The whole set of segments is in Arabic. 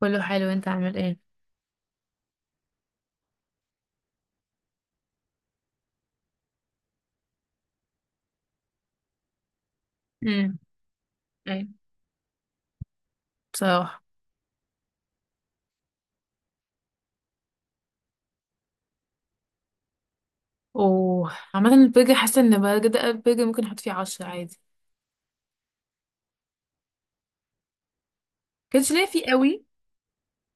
كله حلو. انت عامل ايه؟ امم ايوه بصراحه، وعامه البرجر حاسه ان بجد البرجر ممكن احط فيه 10 عادي. كانش ليا فيه قوي،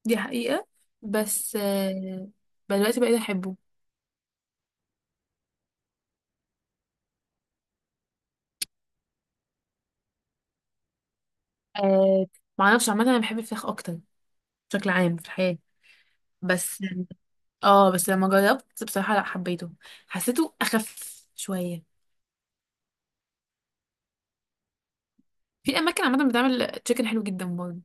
دي حقيقه بس آه. بقى دلوقتي بقيت احبه. آه، معرفش، عامه انا بحب الفراخ اكتر بشكل عام في الحياه. بس اه بس لما جربت بصراحه لا حبيته، حسيته اخف شويه. في اماكن عامه بتعمل تشيكن حلو جدا برضه.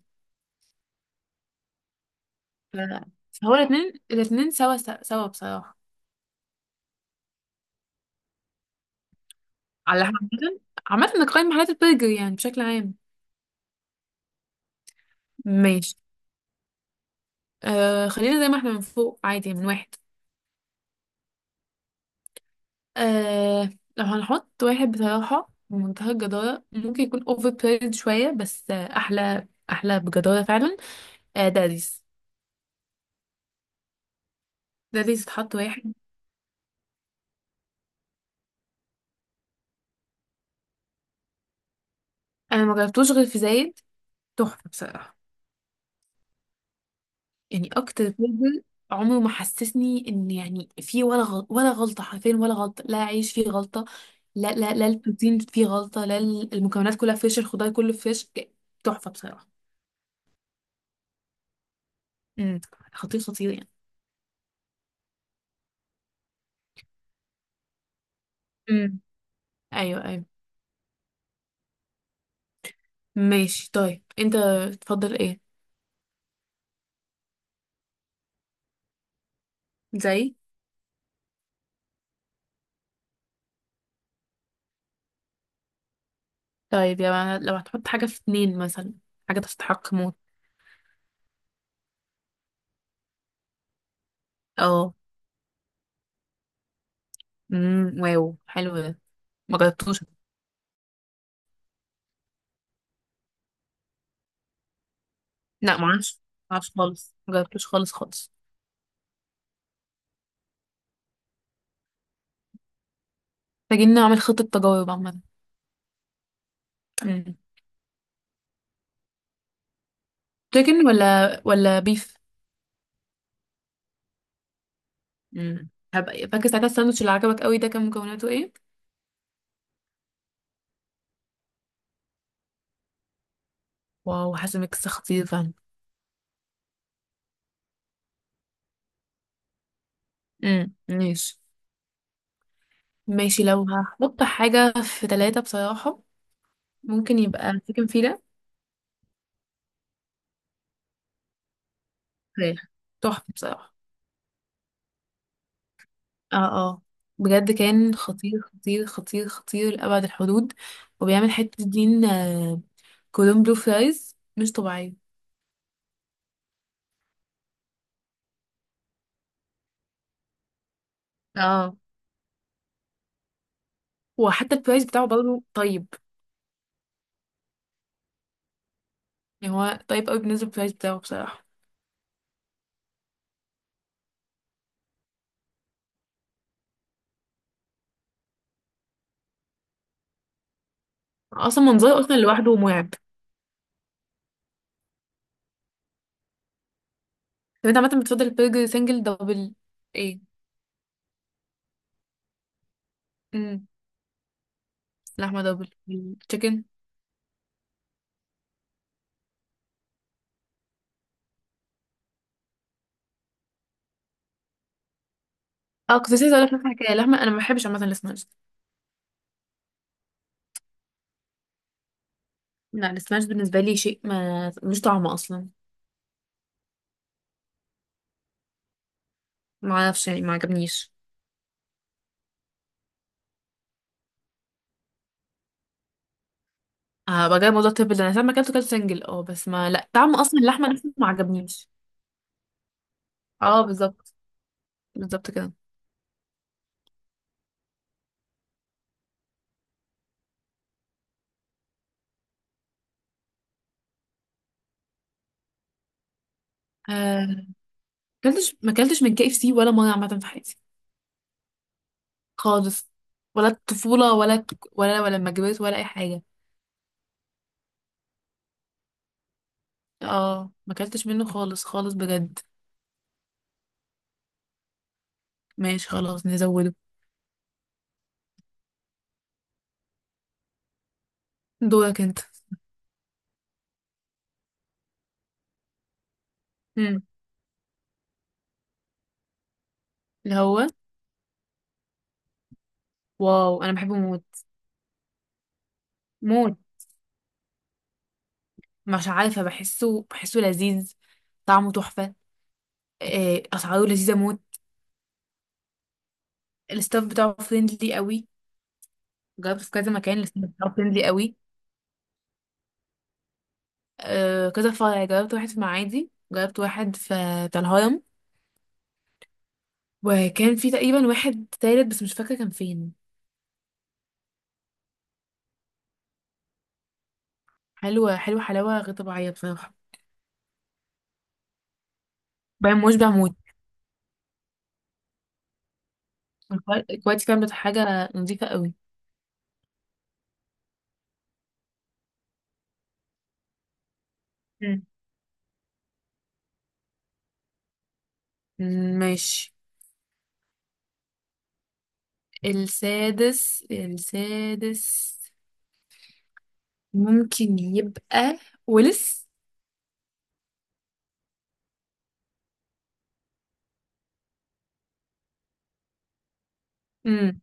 لا، فهو الاتنين سوا بصراحه. على عامة، عامة نقيم محلات البرجر يعني بشكل عام. ماشي، آه، خلينا زي ما احنا من فوق عادي، من واحد. آه، لو هنحط واحد بصراحة بمنتهى الجدارة، ممكن يكون اوفر بريد شوية بس آه أحلى بجدارة فعلا. آه داريس. داريس اتحط واحد. أنا ما جربتوش غير في زايد، تحفة بصراحة. يعني اكتر فيلم عمره ما حسسني ان يعني فيه ولا غلط ولا غلطه، حرفيا ولا غلطه، لا عيش فيه غلطه. لا، البروتين فيه غلطه، لا ال- المكونات كلها فريش، الخضار كله فريش، ك- تحفه بصراحه. امم، خطير يعني. امم ايوه ايوه ماشي. طيب انت تفضل ايه؟ زي. طيب يا، لو هتحط حاجه في اتنين مثلا، حاجه تستحق موت. اه، امم، واو، حلو ده، ما جربتوش. لا ما اعرفش، ما اعرفش خالص، ما جربتوش خالص. محتاجين نعمل خطه تجارب عامه. مم. تشيكن ولا بيف؟ مم. هبقى فاكر ساعتها الساندوتش اللي عجبك قوي ده كان مكوناته ايه؟ واو، حاسه ميكس خطير فعلا. مم. ماشي. ماشي، لو هحط حاجه في ثلاثة بصراحه، ممكن يبقى تشيكن فيلا. فراخ، تحفه بصراحه. اه اه، بجد كان خطير لأبعد الحدود. وبيعمل حتة دين آه، كولوم بلو فرايز مش طبيعية. اه، وحتى البرايز بتاعه برضه طيب. يعني هو طيب قوي بالنسبة للبرايز بتاعه بصراحة. اصلا منظره اصلا لوحده مرعب. طب انت عامه بتفضل البرجر سنجل دبل؟ ايه؟ امم. لحمه دبل، تشيكن. اه كنت لسه هقولك نفس الحكايه. لحمه انا ما بحبش عامه السماش. لا، السماش بالنسبه لي شيء ما، مش طعم اصلا. ما اعرفش يعني، ما عجبنيش. اه، بقى جاي موضوع التربل ده، انا لما اكلته كلت سنجل، اه بس ما لا طعم اصلا، اللحمه نفسه ما عجبنيش. اه بالظبط، بالظبط كده. آه، كلتش، ما كلتش من كي اف سي ولا مره عامه في حياتي، خالص. ولا الطفوله ولا، ولا لما كبرت، ولا اي حاجه. اه، ما اكلتش منه خالص بجد. ماشي خلاص نزوده. دورك انت. امم، اللي هو. واو، انا بحبه موت. موت. مش عارفه، بحسه لذيذ، طعمه تحفه. آه، اسعاره لذيذه موت. الستاف بتاعه فريندلي قوي. جربته في كذا مكان، الستاف بتاعه فريندلي قوي. آه، كذا فرع جربت، واحد في معادي، جربت واحد في بتاع الهرم. وكان في تقريبا واحد تالت بس مش فاكره كان فين. حلوه حلاوه غير طبيعيه بصراحه. بقى مشبع موت. الكوا- الكويت كانت حاجة نظيفة قوي. مم. ماشي. السادس، السادس ممكن يبقى، ولس. امم.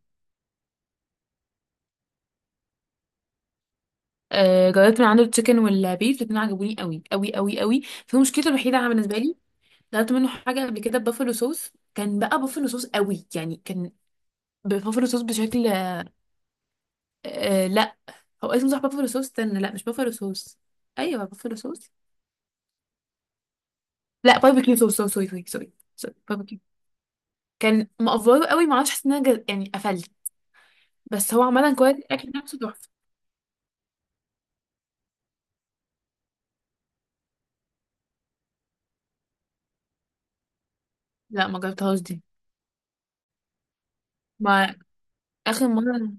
آه جربت من عنده التشيكن والبيف، الاتنين عجبوني قوي. في مشكلته الوحيدة عن- بالنسبة لي، جربت منه حاجة قبل كده بافلو صوص، كان بقى بافلو صوص قوي يعني، كان بافلو صوص بشكل آه، لا هو اسمه صح بافلو صوص، استنى، لا مش بافلو صوص، ايوه بافلو صوص. لا باربيكيو صوص، سوري سوري. كان مقفوله قوي ما اعرفش، حسيت ان انا جز... يعني قفلت. بس هو عملا كويس، الاكل نفسه تحفه. لا ما جربتهاش دي. ما، اخر مره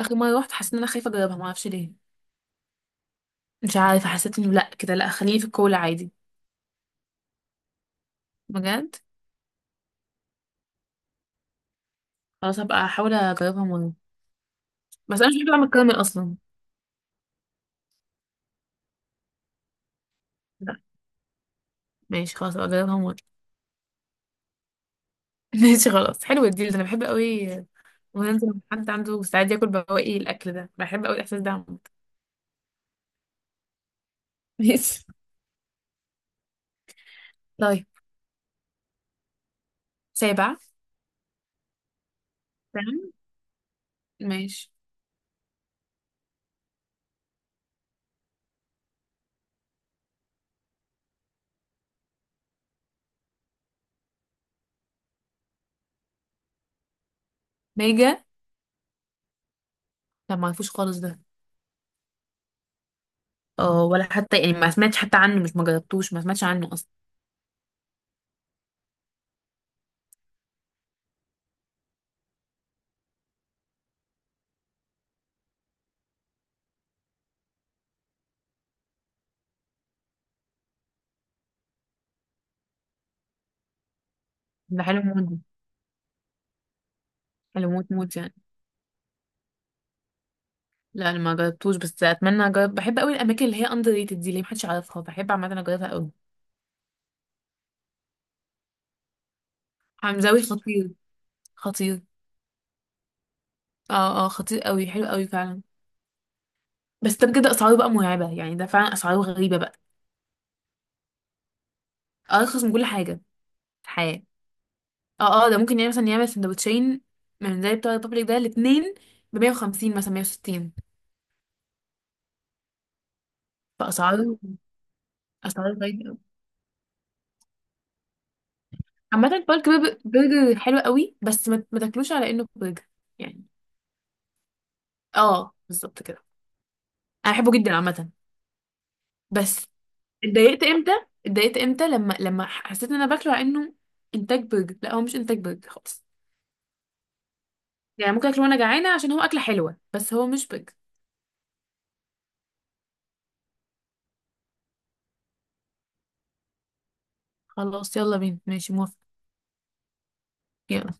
اخر مره رحت حسيت ان انا خايفه اجربها، ما اعرفش ليه. مش عارفه، حسيت انه لا كده، لا خليه في الكولا عادي. بجد؟ خلاص هبقى احاول اجربها مره. بس انا مش بحب اعمل الكراميل اصلا. لا. ماشي خلاص، هبقى اجربها مره. ماشي خلاص حلو الديل ده، انا بحب قوي. وننزل مع حد عنده استعداد ياكل بواقي الاكل ده، بحب قوي الاحساس ده عامة. ماشي. طيب، سابع. تمام، ماشي. ميجا، لا ما عرفوش خالص ده. اه ولا حتى يعني ما سمعتش حتى عنه، مش ما جربتوش، ما سمعتش عنه اصلا. ده حلو موت ده. حلو موت يعني. لا انا ما جربتوش بس اتمنى اجرب، بحب قوي الاماكن اللي هي اندر ريتد دي، اللي محدش يعرفها بحب عامه اجربها قوي. حمزاوي خطير، خطير. اه اه، خطير قوي، حلو قوي فعلا. بس ده بجد اسعاره بقى مرعبه، يعني ده فعلا اسعاره غريبه بقى. ارخص من كل حاجه في الحياه. اه اه، ده ممكن يعني مثلا يعمل سندوتشين من زي بتوع الريبابليك ده، الاثنين ب 150 مثلا 160. فاسعاره، اسعاره غريبه. عامة، بالك برج- برجر حلو قوي بس ما تاكلوش على انه برجر يعني. اه بالظبط كده. انا بحبه جدا عامة. بس اتضايقت امتى اتضايقت امتى لما، لما حسيت ان انا باكله على انه انتاج برجر، لا هو مش انتاج برجر خالص. يعني ممكن اكله وانا جعانة عشان هو اكلة حلوة بس هو مش برجر. خلاص يلا بينا، ماشي موافقة. يلا.